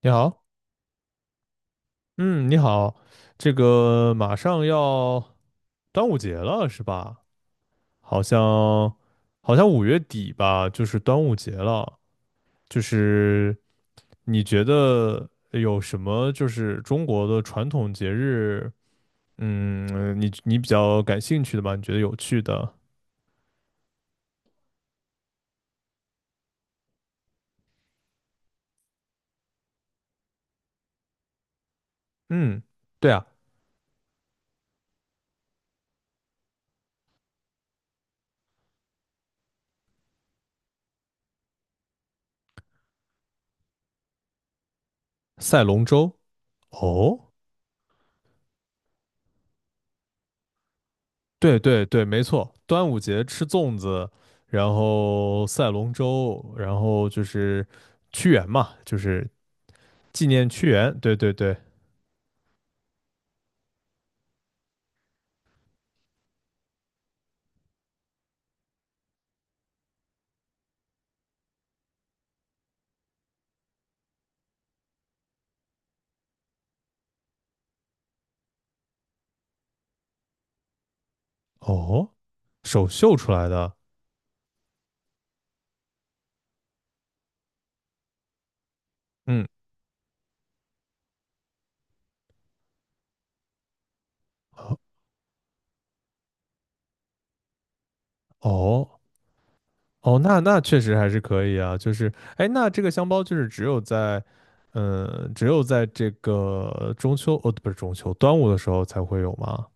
你好，嗯，你好，这个马上要端午节了是吧？好像好像五月底吧，就是端午节了。就是你觉得有什么就是中国的传统节日，嗯，你比较感兴趣的吧？你觉得有趣的？嗯，对啊，赛龙舟。哦，对对对，没错，端午节吃粽子，然后赛龙舟，然后就是屈原嘛，就是纪念屈原。对对对，哦，手绣出来的，嗯，哦哦，那确实还是可以啊。就是，哎，那这个香包就是只有在，嗯，只有在这个中秋，哦，不是中秋，端午的时候才会有吗？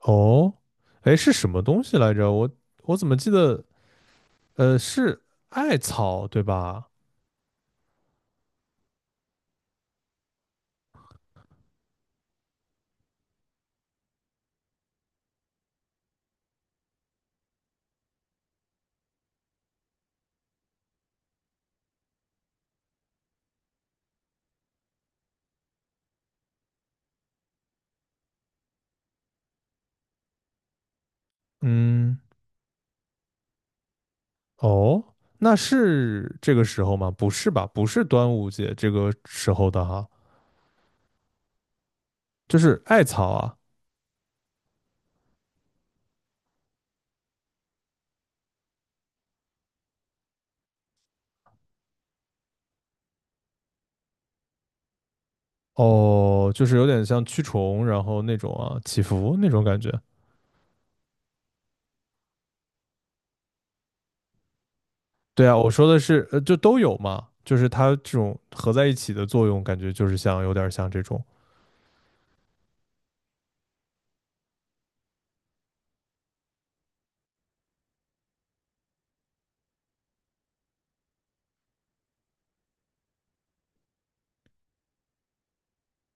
哦，哎，是什么东西来着？我怎么记得？是艾草对吧？嗯，哦，那是这个时候吗？不是吧？不是端午节这个时候的哈，就是艾草啊。哦，就是有点像驱虫，然后那种啊，祈福那种感觉。对啊，我说的是，就都有嘛，就是它这种合在一起的作用，感觉就是像有点像这种。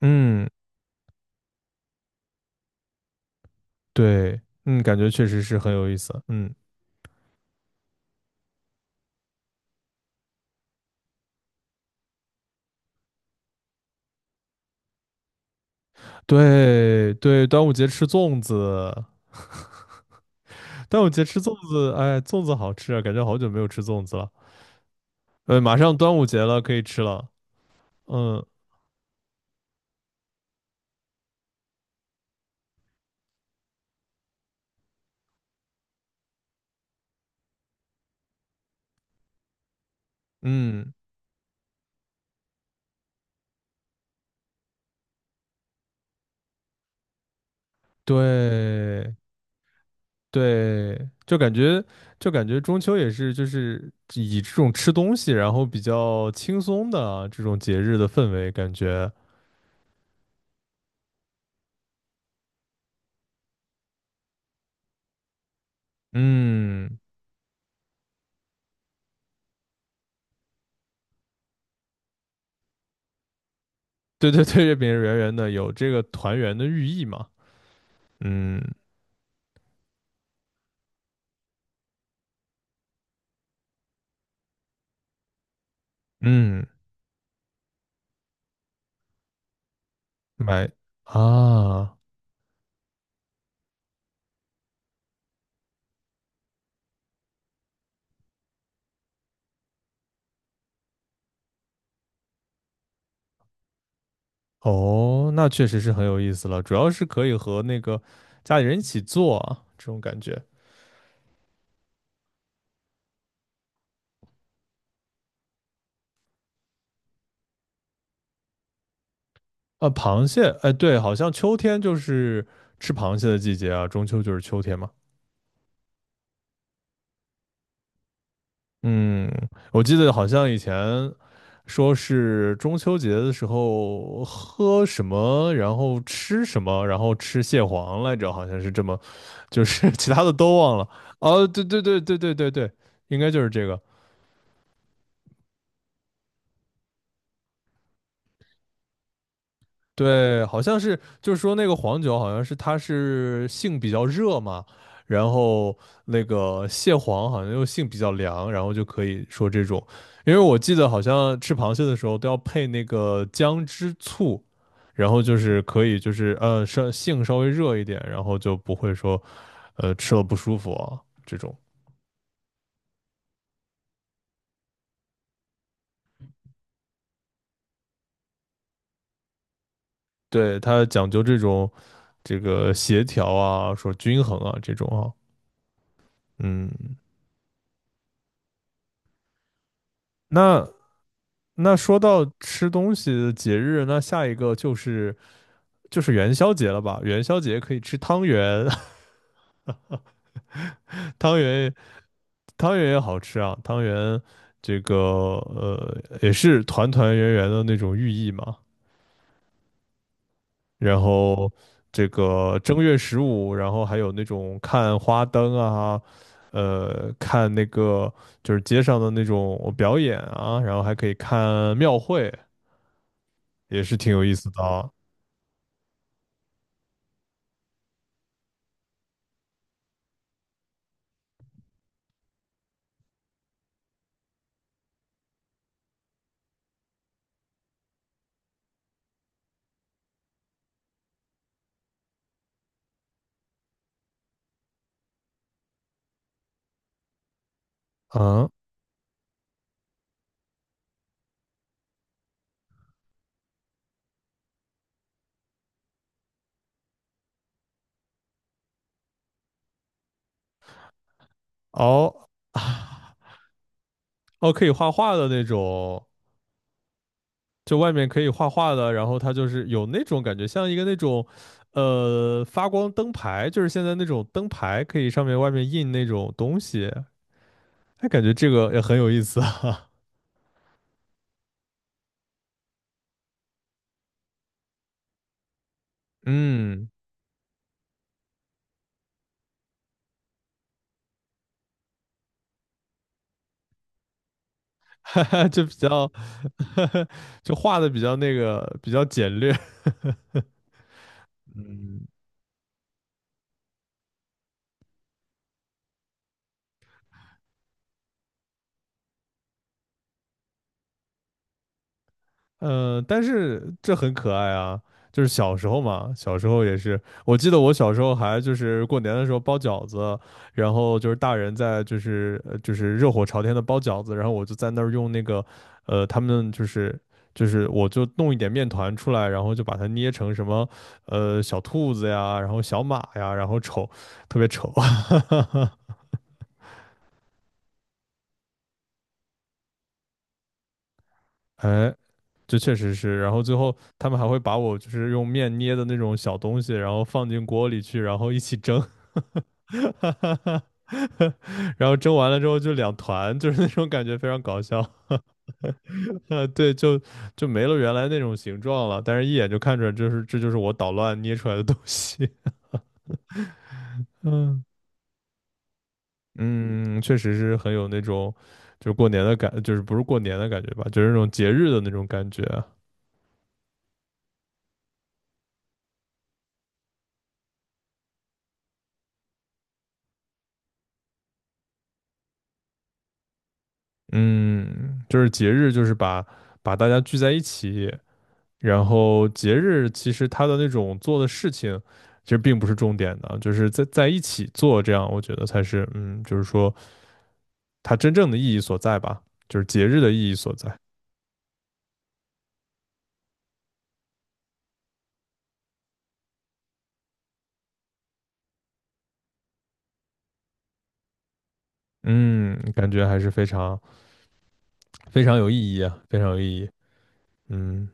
嗯，对，嗯，感觉确实是很有意思。嗯，对对，端午节吃粽子。端午节吃粽子，哎，粽子好吃啊，感觉好久没有吃粽子了。马上端午节了，可以吃了。嗯嗯，对对，就感觉中秋也是就是以这种吃东西，然后比较轻松的啊这种节日的氛围，感觉嗯，对对对，月饼圆圆的，有这个团圆的寓意嘛。嗯嗯，买啊。哦，那确实是很有意思了，主要是可以和那个家里人一起做啊，这种感觉。啊。螃蟹，哎，对，好像秋天就是吃螃蟹的季节啊，中秋就是秋天嘛。嗯，我记得好像以前说是中秋节的时候喝什么，然后吃什么，然后吃蟹黄来着，好像是这么，就是 其他的都忘了。哦，对对对对对对对，应该就是这个。对，好像是，就是说那个黄酒，好像是它是性比较热嘛，然后那个蟹黄好像又性比较凉，然后就可以说这种，因为我记得好像吃螃蟹的时候都要配那个姜汁醋，然后就是可以就是稍微热一点，然后就不会说吃了不舒服啊这种，对，它讲究这个协调啊，说均衡啊这种啊，嗯。那那说到吃东西的节日，那下一个就是元宵节了吧？元宵节可以吃汤圆，汤圆汤圆也好吃啊，汤圆这个也是团团圆圆的那种寓意嘛。然后这个正月十五，然后还有那种看花灯啊，看那个就是街上的那种表演啊，然后还可以看庙会，也是挺有意思的啊。嗯，哦哦，可以画画的那种，就外面可以画画的，然后它就是有那种感觉，像一个那种，发光灯牌，就是现在那种灯牌，可以上面外面印那种东西，哎，感觉这个也很有意思啊。嗯，哈哈，就比较，就画的比较那个，比较简略。嗯，嗯，但是这很可爱啊，就是小时候嘛，小时候也是，我记得我小时候还就是过年的时候包饺子，然后就是大人在就是热火朝天的包饺子，然后我就在那儿用那个，他们就是我就弄一点面团出来，然后就把它捏成什么小兔子呀，然后小马呀，然后丑，特别丑，哎，就确实是。然后最后他们还会把我就是用面捏的那种小东西，然后放进锅里去，然后一起蒸 然后蒸完了之后就两团，就是那种感觉非常搞笑 对，就没了原来那种形状了，但是一眼就看出来，就是这就是我捣乱捏出来的东西。嗯嗯，确实是很有那种就是过年的感，就是不是过年的感觉吧，就是那种节日的那种感觉啊。嗯，就是节日，就是把大家聚在一起，然后节日其实它的那种做的事情，其实并不是重点的，就是在一起做，这样我觉得才是，嗯，就是说它真正的意义所在吧，就是节日的意义所在。嗯，感觉还是非常非常有意义啊，非常有意义。嗯，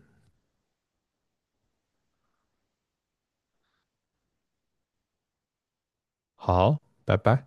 好，拜拜。